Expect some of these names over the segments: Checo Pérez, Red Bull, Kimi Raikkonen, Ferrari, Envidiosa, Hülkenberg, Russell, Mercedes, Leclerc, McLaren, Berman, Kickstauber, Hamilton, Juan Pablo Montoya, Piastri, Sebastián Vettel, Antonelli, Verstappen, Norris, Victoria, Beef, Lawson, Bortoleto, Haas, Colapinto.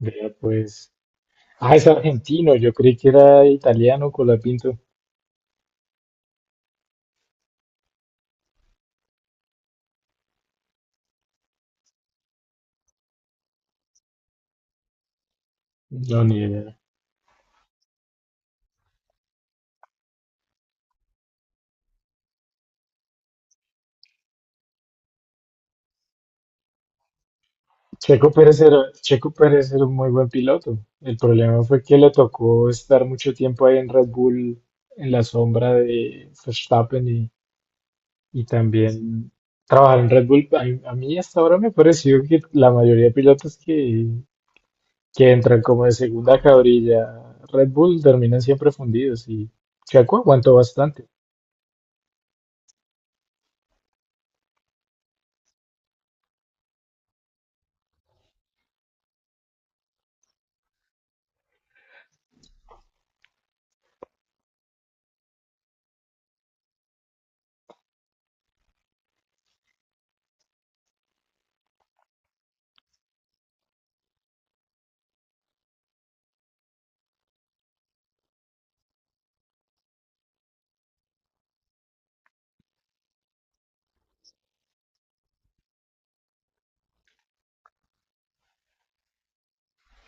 Vea, pues. Ah, es argentino. Yo creí que era italiano, Colapinto. No, ni idea. Checo Pérez era un muy buen piloto. El problema fue que le tocó estar mucho tiempo ahí en Red Bull, en la sombra de Verstappen y también trabajar en Red Bull. A mí hasta ahora me ha parecido que la mayoría de pilotos que entran como de segunda cabrilla a Red Bull terminan siempre fundidos y Checo aguantó bastante.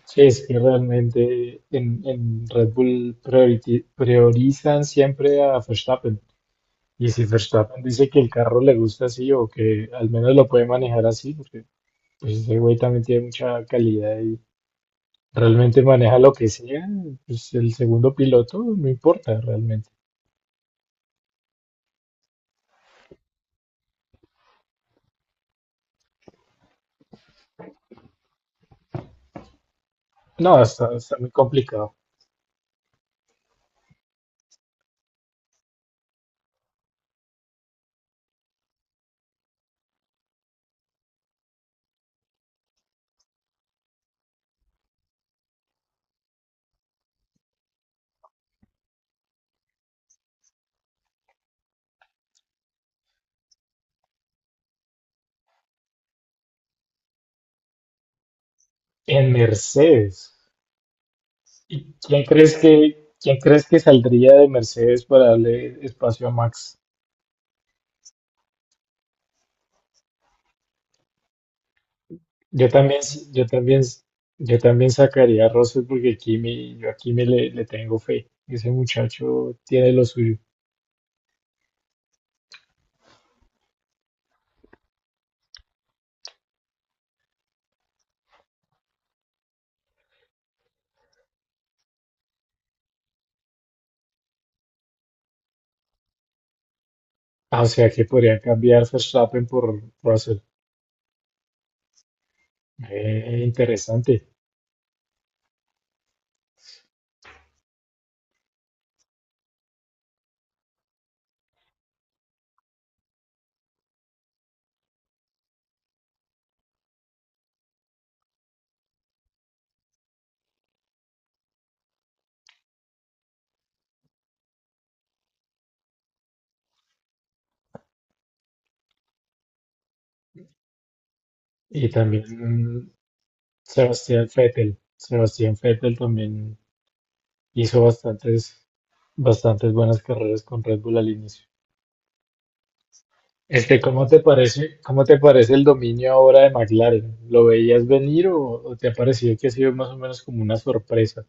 Sí, sí, realmente en Red Bull priorizan siempre a Verstappen. Y si Verstappen dice que el carro le gusta así o que al menos lo puede manejar así, porque pues, ese güey también tiene mucha calidad y realmente maneja lo que sea, pues el segundo piloto no importa realmente. No, está, está muy complicado. En Mercedes. ¿Y quién crees que saldría de Mercedes para darle espacio a Max? Yo también, s- yo también, s- yo también sacaría a Russell porque Kimi, yo a Kimi le tengo fe. Ese muchacho tiene lo suyo. Ah, o sea que podrían cambiar Verstappen por Russell. Interesante. Y también Sebastián Vettel. Sebastián Vettel también hizo bastantes buenas carreras con Red Bull al inicio. Este, cómo te parece el dominio ahora de McLaren? ¿Lo veías venir, o te ha parecido que ha sido más o menos como una sorpresa?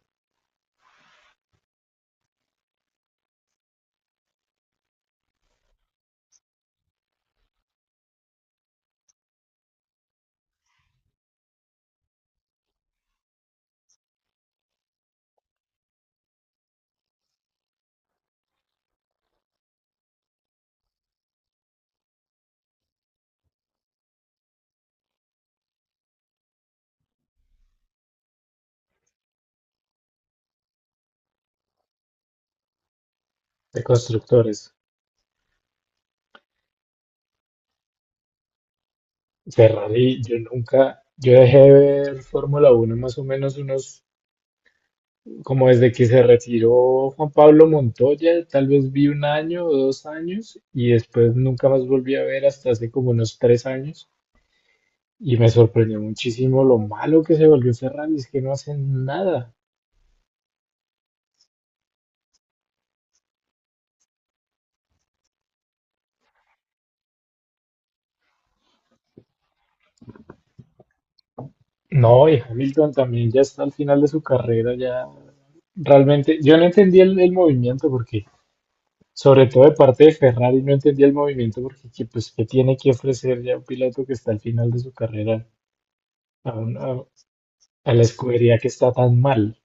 De constructores. Ferrari, yo nunca, yo dejé de ver Fórmula Uno más o menos unos, como desde que se retiró Juan Pablo Montoya, tal vez vi un año o dos años y después nunca más volví a ver hasta hace como unos tres años y me sorprendió muchísimo lo malo que se volvió Ferrari, es que no hacen nada. No, y Hamilton también ya está al final de su carrera, ya realmente, yo no entendí el movimiento porque sobre todo de parte de Ferrari, no entendía el movimiento pues, ¿qué tiene que ofrecer ya un piloto que está al final de su carrera a, un- a- a la escudería que está tan mal?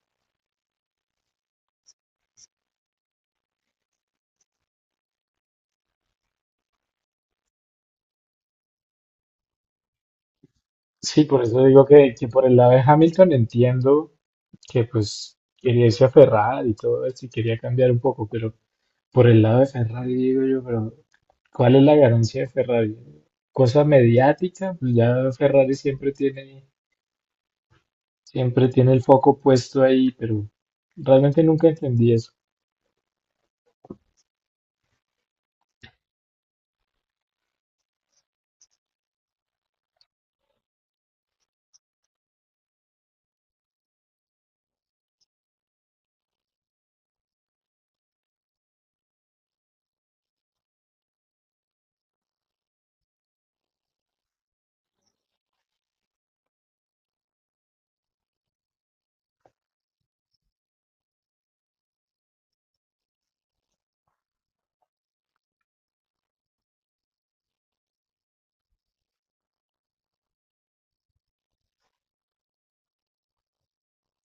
Sí, por eso digo que por el lado de Hamilton entiendo que pues quería irse a Ferrari y todo esto y quería cambiar un poco, pero por el lado de Ferrari digo yo, pero ¿cuál es la ganancia de Ferrari? Cosa mediática, pues ya Ferrari siempre tiene el foco puesto ahí, pero realmente nunca entendí eso.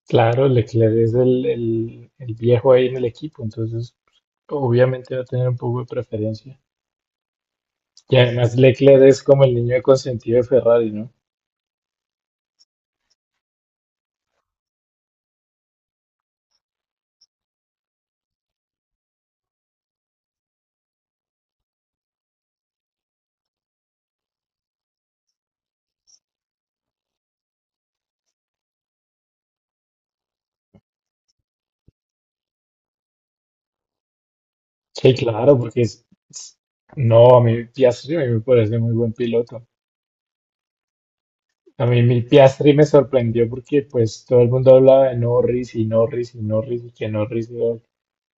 Claro, Leclerc es el viejo ahí en el equipo, entonces obviamente va a tener un poco de preferencia. Y además Leclerc es como el niño consentido de Ferrari, ¿no? Sí, claro, porque no, a mí Piastri a mí me parece muy buen piloto. A mí mi Piastri me sorprendió porque pues todo el mundo hablaba de Norris y Norris y Norris y que Norris era el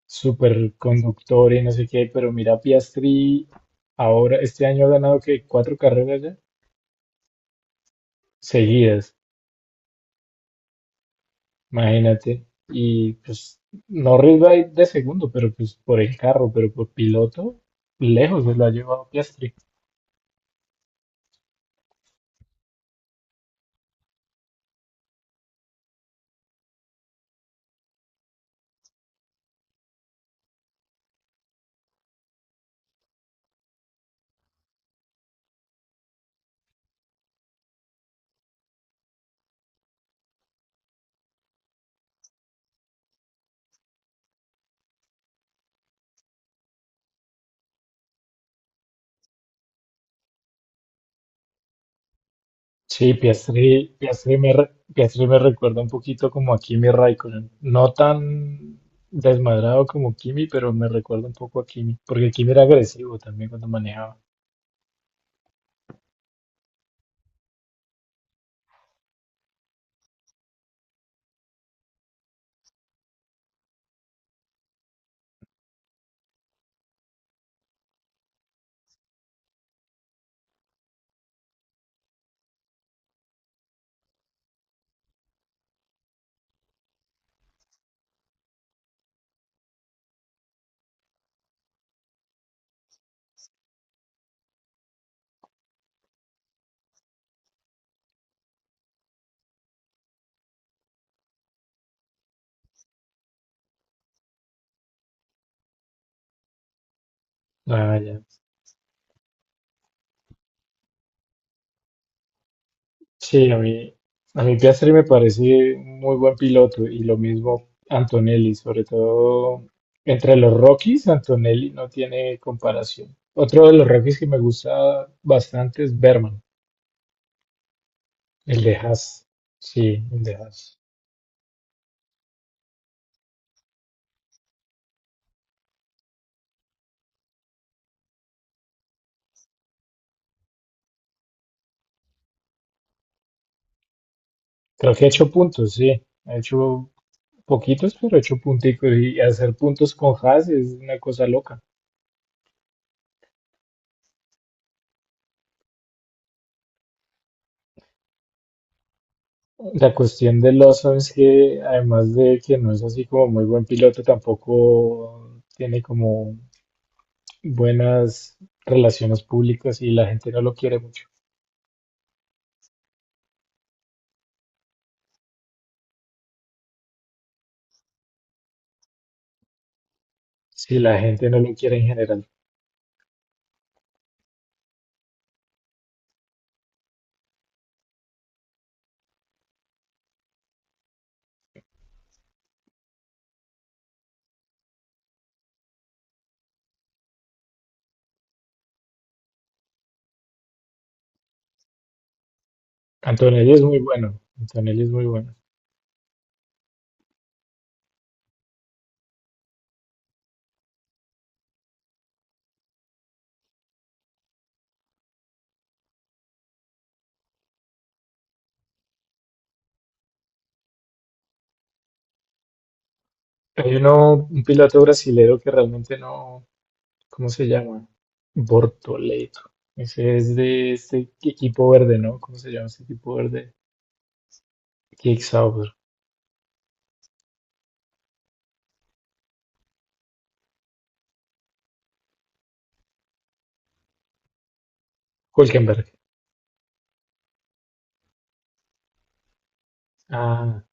superconductor y no sé qué, pero mira Piastri ahora este año ha ganado que cuatro carreras ya seguidas. Imagínate. Y pues Norris va de segundo, pero pues por el carro, pero por piloto, lejos se lo ha llevado Piastri. Sí, Piastri me recuerda un poquito como a Kimi Raikkonen. No tan desmadrado como Kimi, pero me recuerda un poco a Kimi, porque Kimi era agresivo también cuando manejaba. Ah, ya. Sí, a mí Piastri me parece muy buen piloto y lo mismo Antonelli, sobre todo entre los Rockies, Antonelli no tiene comparación. Otro de los Rockies que me gusta bastante es Berman, el de Haas. Sí, el de Haas. Creo que ha hecho puntos, sí. Ha hecho poquitos, pero ha hecho punticos y hacer puntos con Haas es una cosa loca. La cuestión de Lawson es que además de que no es así como muy buen piloto, tampoco tiene como buenas relaciones públicas y la gente no lo quiere mucho. Sí, la gente no lo quiere en general. Antonelli es muy bueno, Antonelli es muy bueno. Hay uno, un piloto brasilero que realmente no, ¿cómo se llama? Bortoleto. Ese es de este equipo verde, ¿no? ¿Cómo se llama ese equipo verde? Kickstauber. Hülkenberg. Ah,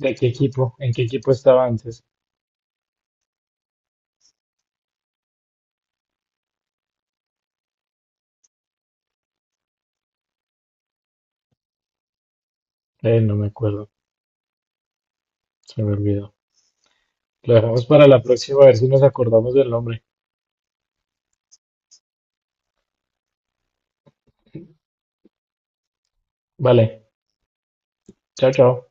¿de qué equipo? ¿En qué equipo estaba antes? No me acuerdo, se me olvidó. Lo dejamos para la próxima, a ver si nos acordamos del nombre. Vale, chao, chao.